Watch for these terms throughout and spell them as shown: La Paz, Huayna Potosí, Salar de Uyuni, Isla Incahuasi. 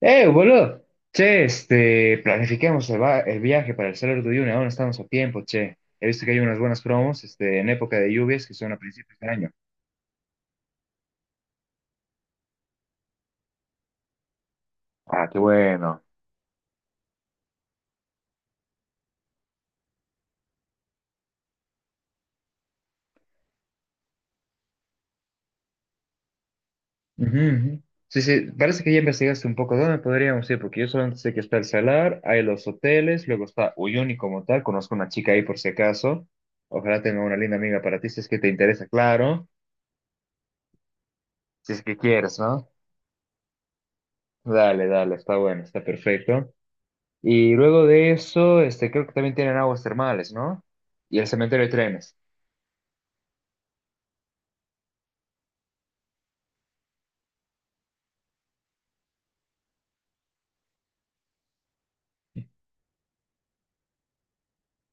Boludo. Che, este, planifiquemos el viaje para el Salar de Uyuni. Aún estamos a tiempo, che. He visto que hay unas buenas promos, este, en época de lluvias que son a principios de año. Ah, qué bueno. Ujú, ujú. Sí, sí, parece que ya investigaste un poco dónde podríamos ir, porque yo solamente sé que está el Salar, hay los hoteles, luego está Uyuni como tal, conozco una chica ahí por si acaso, ojalá tenga una linda amiga para ti si es que te interesa, claro, si es que quieres, ¿no? Dale, dale, está bueno, está perfecto. Y luego de eso, este, creo que también tienen aguas termales, ¿no? Y el cementerio de trenes.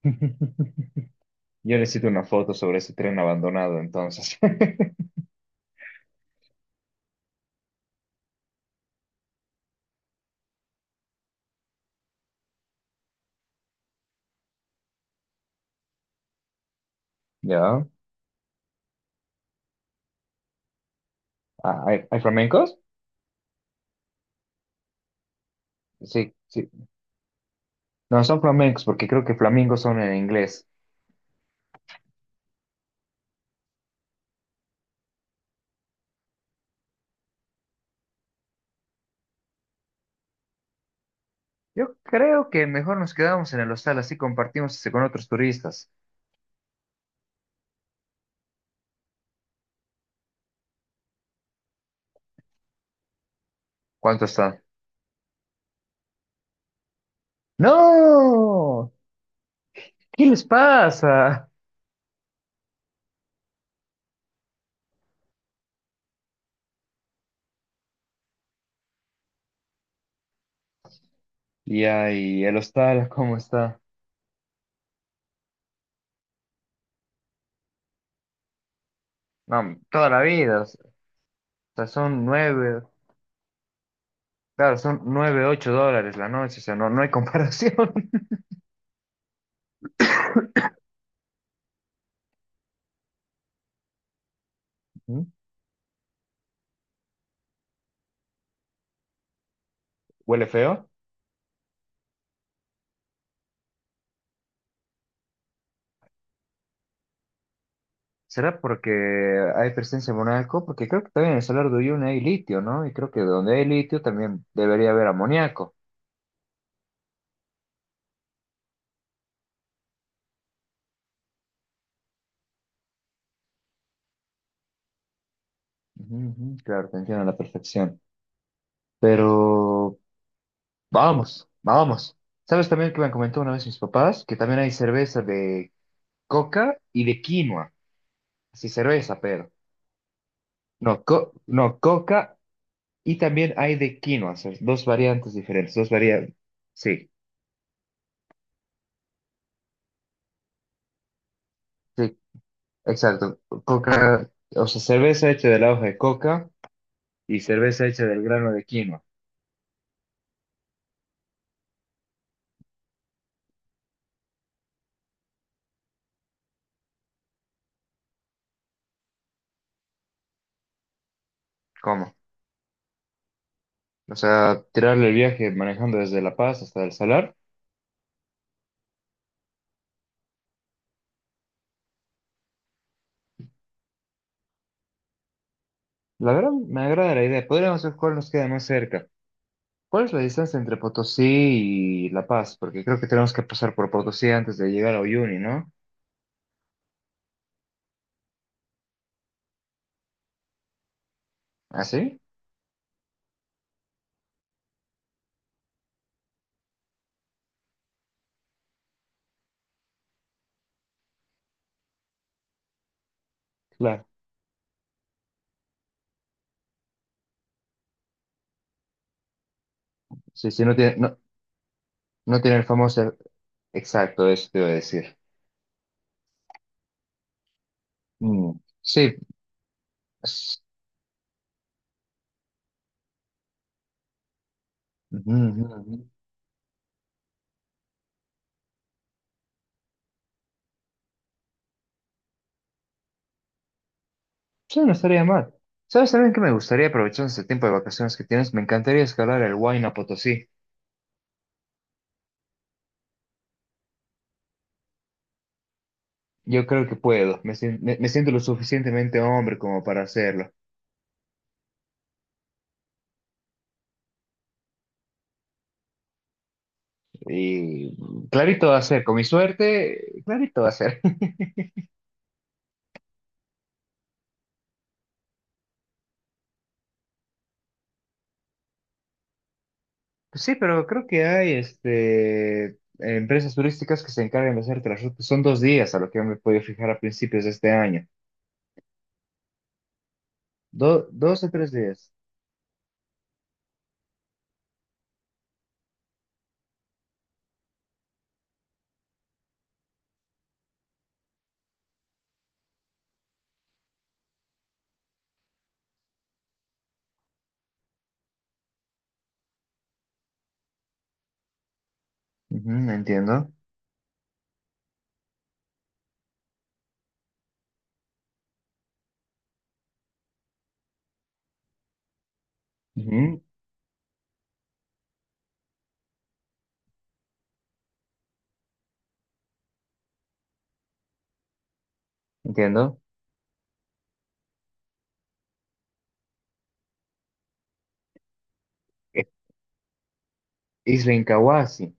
Yo necesito una foto sobre ese tren abandonado, entonces. ¿Ya? Ah, ¿hay flamencos? Sí, sí. No, son flamencos porque creo que flamingos son en inglés. Yo creo que mejor nos quedamos en el hostal, así compartimos este con otros turistas. ¿Cuánto está? ¡No! ¿Qué les pasa? Y ahí, el hostal, ¿cómo está? No, toda la vida. O sea, son nueve. Claro, son 9 $8 la noche, o sea, no, no hay comparación. ¿Mm? ¿Huele feo? ¿Será porque hay presencia de monaco? Porque creo que también en el Salar de Uyuni hay litio, ¿no? Y creo que donde hay litio también debería haber amoníaco. Ujú, ujú, claro, te entiendo a la perfección. Pero vamos, vamos. ¿Sabes también que me comentó una vez mis papás? Que también hay cerveza de coca y de quinoa. Sí cerveza, pero. No, coca. Y también hay de quinoa, o sea, dos variantes diferentes, dos variantes. Sí, sí, exacto. Coca, o sea, cerveza hecha de la hoja de coca y cerveza hecha del grano de quinoa. ¿Cómo? O sea, tirarle el viaje manejando desde La Paz hasta El Salar. La verdad, me agrada la idea. Podríamos ver cuál nos queda más cerca. ¿Cuál es la distancia entre Potosí y La Paz? Porque creo que tenemos que pasar por Potosí antes de llegar a Uyuni, ¿no? ¿Ah, sí? Claro. Sí, sí, no tiene el famoso. Exacto, eso te iba a decir. Mm, sí, es- ujú, ujú, ujú. Sí, no estaría mal. ¿Sabes también que me gustaría aprovechar ese tiempo de vacaciones que tienes? Me encantaría escalar el Huayna Potosí. Yo creo que puedo. Me siento lo suficientemente hombre como para hacerlo. Y clarito va a ser, con mi suerte, clarito va a ser. Sí, pero creo que hay este, empresas turísticas que se encargan de hacerte las rutas. Son 2 días a lo que yo me he podido fijar a principios de este año. 2 o 3 días. Ujú, entiendo. Ujú, entiendo. Eh, Isla Incahuasi.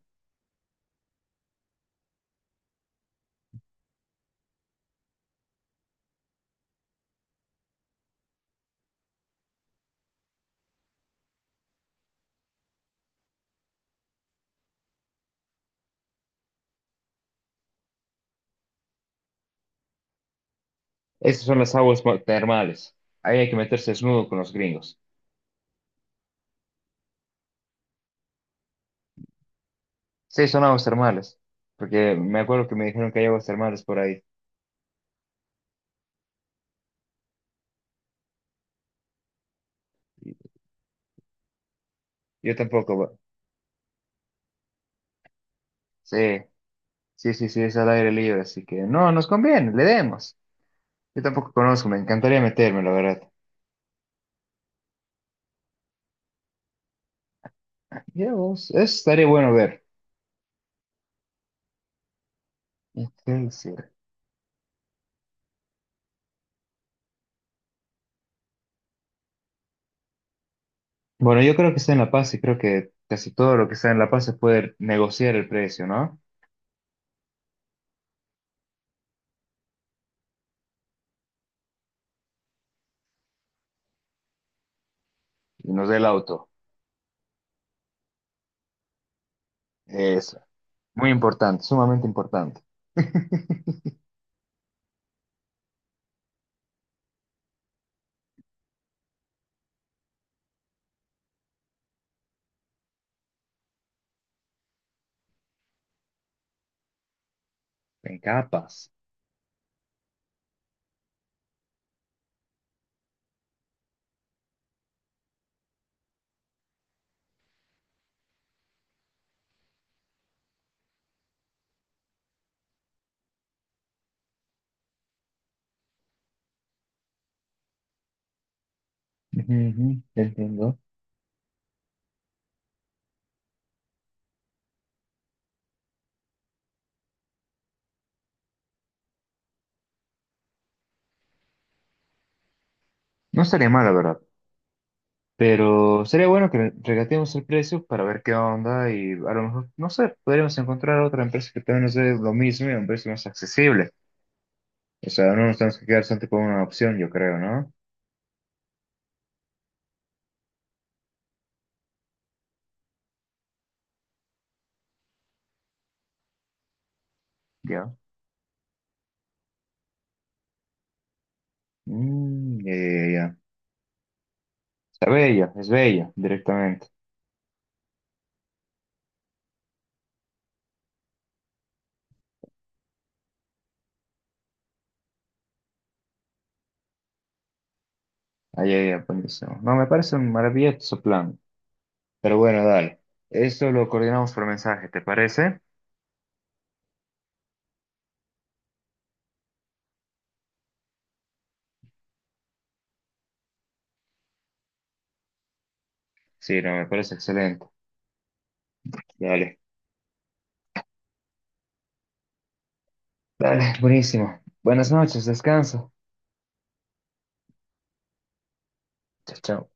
Esas son las aguas termales. Ahí hay que meterse desnudo con los gringos. Sí, son aguas termales. Porque me acuerdo que me dijeron que hay aguas termales por ahí. Yo tampoco. Sí, sí, sí, sí, es al aire libre. Así que no, nos conviene, le demos. Yo tampoco conozco, me encantaría meterme, la verdad. Ya vos, eso estaría bueno ver. ¿Y qué decir? Bueno, yo creo que está en La Paz y creo que casi todo lo que está en La Paz se puede negociar el precio, ¿no? Y nos dé el auto. Eso. Muy importante, sumamente importante. En capas. Ujú, ujú, entiendo. No estaría mal, la verdad. Pero sería bueno que regateemos el precio para ver qué onda y a lo mejor, no sé, podríamos encontrar otra empresa que también nos dé lo mismo y a un precio más accesible. O sea, no nos tenemos que quedar solamente con una opción, yo creo, ¿no? Ya. Mm, ya, ya, ya. Está bella, es bella, directamente. Ahí, ahí, ya, buenísimo. No, me parece un maravilloso plan. Pero bueno, dale. Esto lo coordinamos por mensaje, ¿te parece? Sí, no, me parece excelente. Dale. Dale, buenísimo. Buenas noches, descansa. Chao, chao.